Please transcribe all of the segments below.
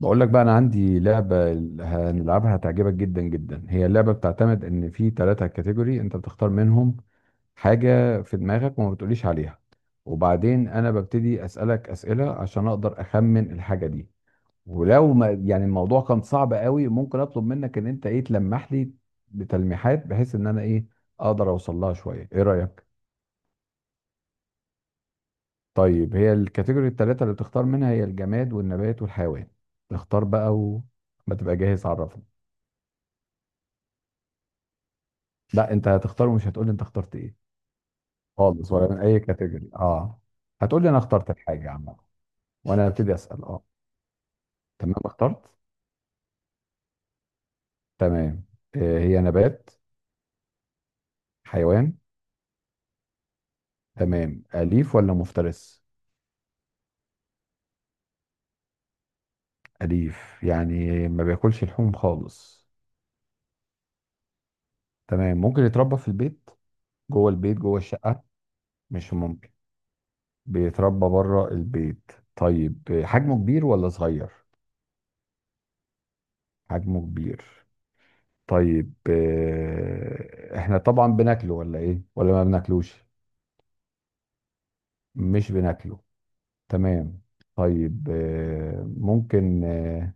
بقول لك بقى، انا عندي لعبه هنلعبها هتعجبك جدا جدا. هي اللعبه بتعتمد ان في ثلاثه كاتيجوري انت بتختار منهم حاجه في دماغك وما بتقوليش عليها، وبعدين انا ببتدي اسالك اسئله عشان اقدر اخمن الحاجه دي. ولو ما يعني الموضوع كان صعب قوي، ممكن اطلب منك ان انت ايه، تلمح لي بتلميحات بحيث ان انا ايه، اقدر اوصل لها شويه. ايه رايك؟ طيب، هي الكاتيجوري الثلاثه اللي بتختار منها هي الجماد والنبات والحيوان. اختار بقى، وما تبقى جاهز عرفني. لا، انت هتختار ومش هتقول لي انت اخترت ايه خالص، ولا من اي كاتيجوري. اه، هتقول لي انا اخترت الحاجه عامه وانا هبتدي اسال. اه، تمام اخترت. تمام. آه، هي نبات؟ حيوان. تمام، اليف ولا مفترس؟ اليف يعني ما بياكلش لحوم خالص. تمام، ممكن يتربى في البيت؟ جوه البيت، جوه الشقه؟ مش ممكن. بيتربى بره البيت. طيب حجمه كبير ولا صغير؟ حجمه كبير. طيب احنا طبعا بناكله ولا ايه، ولا ما بناكلوش؟ مش بناكله. تمام. طيب آه، ممكن آه،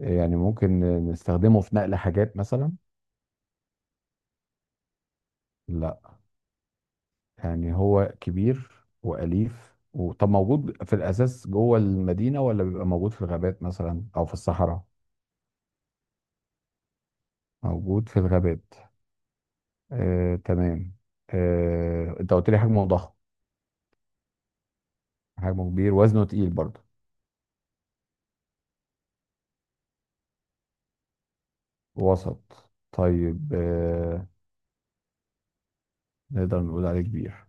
يعني ممكن نستخدمه في نقل حاجات مثلا؟ لا. يعني هو كبير وأليف، وطب موجود في الأساس جوه المدينة، ولا بيبقى موجود في الغابات مثلا أو في الصحراء؟ موجود في الغابات. آه، تمام. آه، انت قلت لي حجمه ضخم. حجمه كبير، وزنه تقيل برضه؟ وسط. طيب نقدر نقول عليه كبير.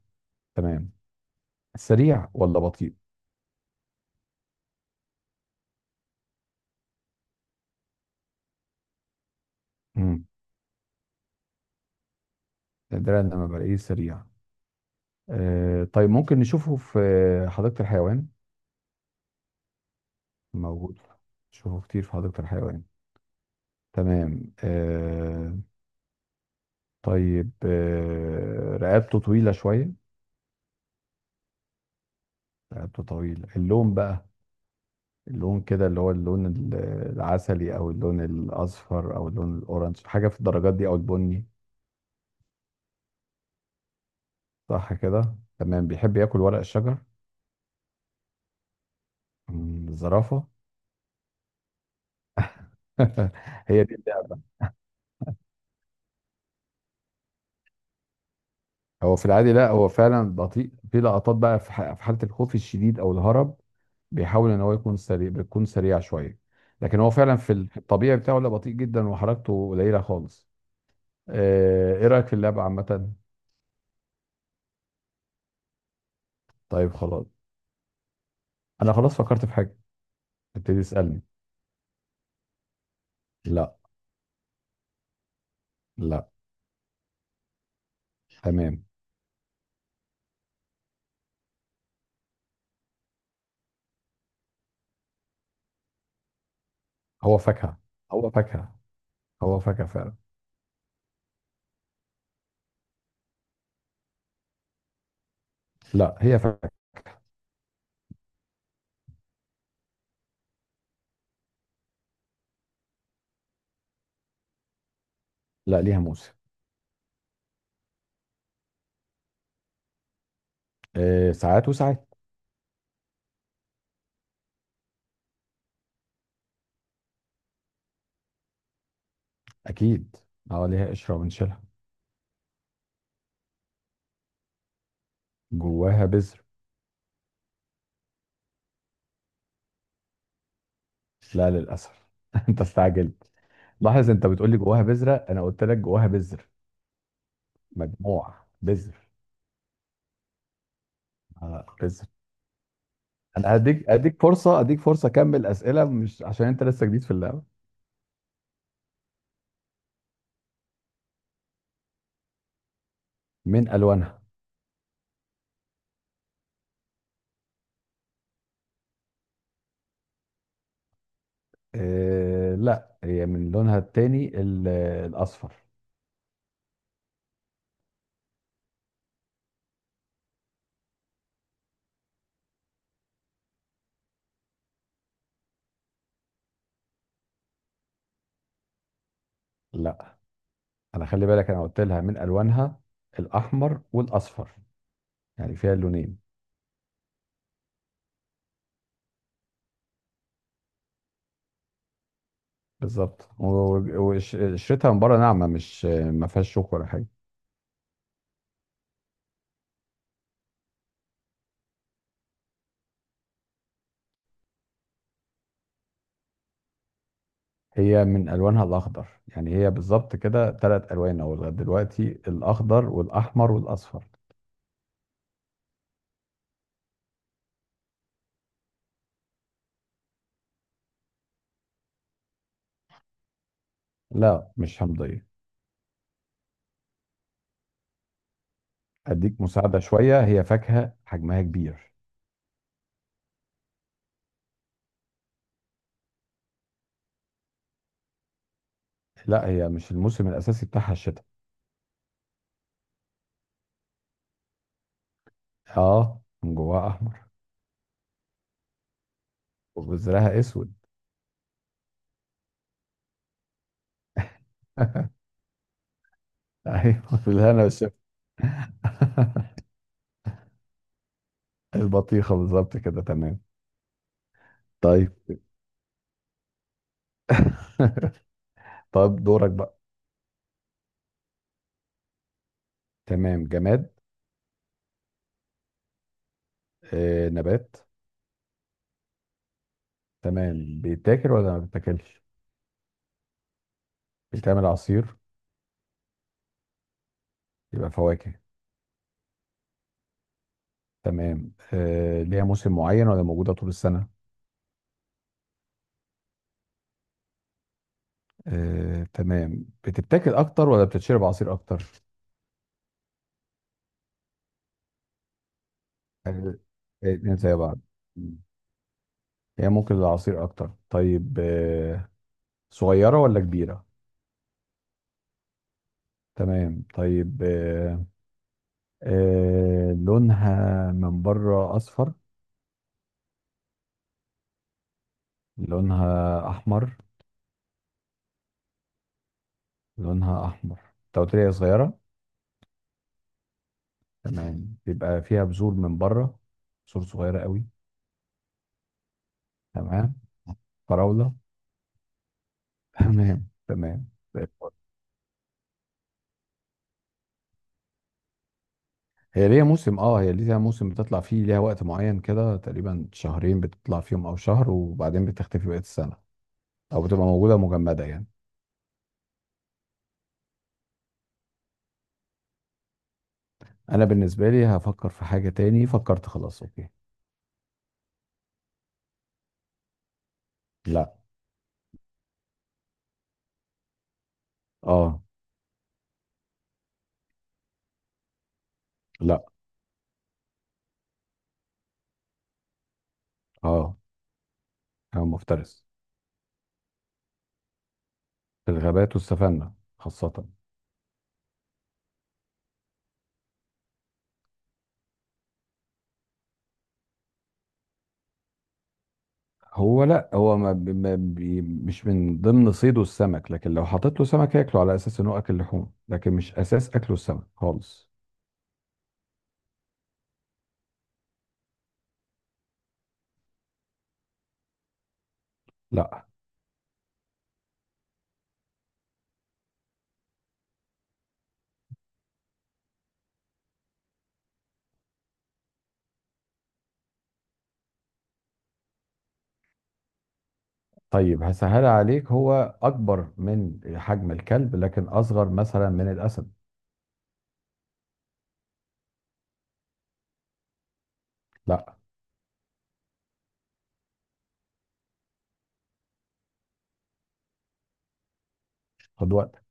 تمام. سريع ولا بطيء؟ امم نادرا لما بلاقيه سريع. آه طيب، ممكن نشوفه في حديقة الحيوان؟ موجود. نشوفه كتير في حديقة الحيوان. تمام آه. طيب آه، رقبته طويلة شوية؟ رقبته طويلة. اللون بقى، اللون كده اللي هو اللون العسلي، او اللون الاصفر، او اللون الاورنج، حاجة في الدرجات دي، او البني. صح كده، تمام. بيحب ياكل ورق الشجر. الزرافة. هي دي. هو في العادي، لا هو فعلا بطيء. في لقطات بقى في حالة الخوف الشديد او الهرب، بيحاول ان هو يكون سريع، بيكون سريع شوية. لكن هو فعلا في في الطبيعي بتاعه، لا بطيء جدا، وحركته قليلة خالص. آه، ايه رأيك في اللعبة عامة؟ طيب خلاص، انا خلاص فكرت في حاجة. ابتدي اسألني. لا. لا. تمام. هو فاكهة. هو فاكهة. هو فاكهة فعلا. لا، هي فاكهة. لا، ليها موسم. آه، ساعات وساعات. اكيد، اه ليها قشرة ونشيلها. جواها بذر. لا للاسف. انت استعجلت. لاحظ، انت بتقول لي جواها بذره، انا قلت لك جواها بذر. مجموع، بذر. آه، بذر. انا هديك اديك فرصه اديك فرصه اكمل اسئله، مش عشان انت لسه جديد في اللعبه. من الوانها. إيه لا، هي من لونها التاني الاصفر. لا، انا خلي بالك، انا قلت لها من الوانها الاحمر والاصفر، يعني فيها اللونين. بالظبط. وقشرتها من بره ناعمه، مش ما فيهاش شوك ولا حاجه. هي من الوانها الاخضر، يعني هي بالظبط كده ثلاث الوان او لغايه دلوقتي: الاخضر والاحمر والاصفر. لا مش همضيه. اديك مساعده شويه، هي فاكهه حجمها كبير. لا، هي مش الموسم الاساسي بتاعها الشتاء. اه، من جواها احمر. وبذرها اسود. ايوه، بالهنا والشفا. البطيخه بالظبط كده، تمام. طيب. طب دورك بقى. تمام. جماد؟ آه نبات؟ تمام. بيتاكل ولا ما بيتاكلش؟ بيتعمل عصير. يبقى فواكه. تمام، آه ليها موسم معين ولا موجودة طول السنة؟ آه تمام. بتتاكل أكتر ولا بتتشرب عصير أكتر؟ آه، الاتنين زي بعض. مم. هي ممكن العصير أكتر. طيب آه، صغيرة ولا كبيرة؟ تمام. طيب آه، آه لونها من بره أصفر؟ لونها أحمر. لونها أحمر. أنت قلت لي هي صغيرة. تمام، بيبقى فيها بذور من بره، بذور صغيرة قوي؟ تمام. فراولة. تمام، تمام. هي ليها موسم، اه هي ليها موسم بتطلع فيه، ليها وقت معين كده، تقريبا شهرين بتطلع فيهم او شهر، وبعدين بتختفي بقية السنة، او بتبقى موجودة مجمدة يعني. انا بالنسبة لي هفكر في حاجة تاني. فكرت خلاص، اوكي. لا. اه. لا. اه، انا مفترس. في الغابات والسفنة خاصة. هو لا، هو ما بي ما بي مش من ضمن صيده السمك، لكن لو حطيت له سمك هياكله على اساس انه اكل لحوم، لكن مش اساس اكله السمك خالص. لا. طيب، هسهل عليك، هو أكبر من حجم الكلب لكن أصغر مثلا من الأسد. لا. خد وقتك.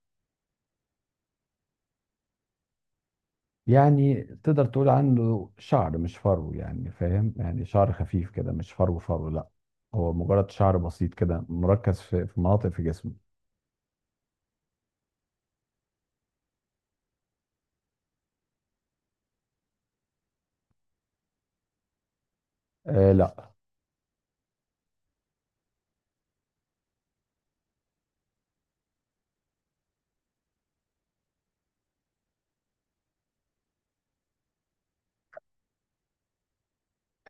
يعني تقدر تقول عنه شعر مش فرو، يعني فاهم يعني شعر خفيف كده، مش فرو فرو، لا. هو مجرد شعر بسيط كده مركز في مناطق في جسمه. آه لا.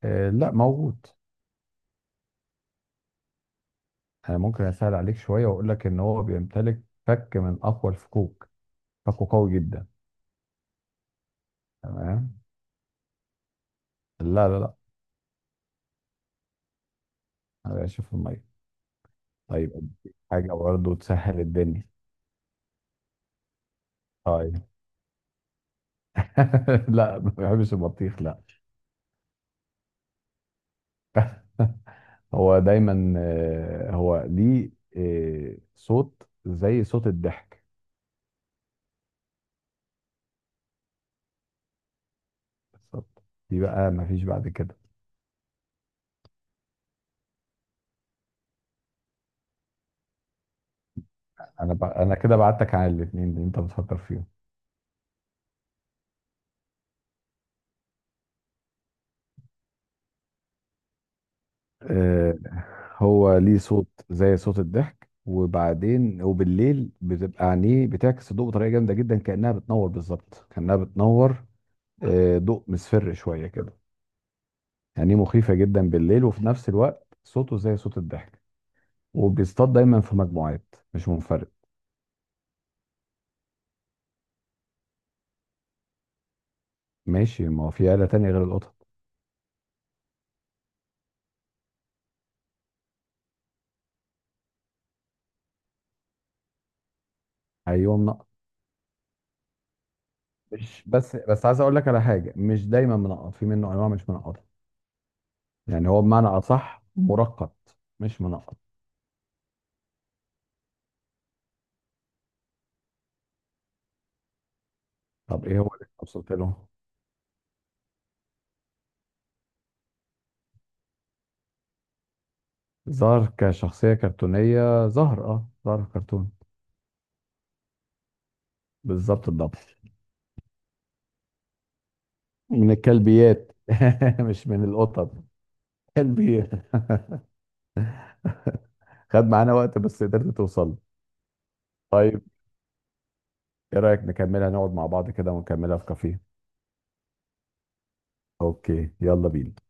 آه لا، موجود. أنا ممكن أسهل عليك شوية وأقول لك إن هو بيمتلك فك من أقوى الفكوك، فكه قوي جدا. تمام. لا لا لا. أنا شوف المية. طيب أديك حاجة برضه تسهل الدنيا. طيب. لا، ما بحبش البطيخ، لا. هو دايما آه، هو ليه آه، صوت زي صوت الضحك. بالظبط. دي بقى ما فيش بعد كده. انا كده بعدتك عن الاثنين اللي انت بتفكر فيهم. آه، هو ليه صوت زي صوت الضحك، وبعدين وبالليل بتبقى عينيه بتعكس الضوء بطريقه جامده جدا، كانها بتنور، بالظبط كانها بتنور. آه، ضوء مصفر شويه كده، يعني مخيفه جدا بالليل، وفي نفس الوقت صوته زي صوت الضحك. وبيصطاد دايما في مجموعات مش منفرد. ماشي، ما هو في آلة تانية غير القطط. ايوه منقط. مش بس عايز اقول لك على حاجة، مش دايما منقط، في منه انواع مش منقطة، يعني هو بمعنى اصح مرقط مش منقط. طب ايه هو اللي وصلت له؟ ظهر كشخصية كرتونية، ظهر، اه ظهر في كرتون. بالظبط الضبط. من الكلبيات. مش من القطط. كلبيات. خد معانا وقت، بس قدرت توصل. طيب، ايه رأيك نكملها، نقعد مع بعض كده ونكملها في كافيه؟ اوكي، يلا بينا.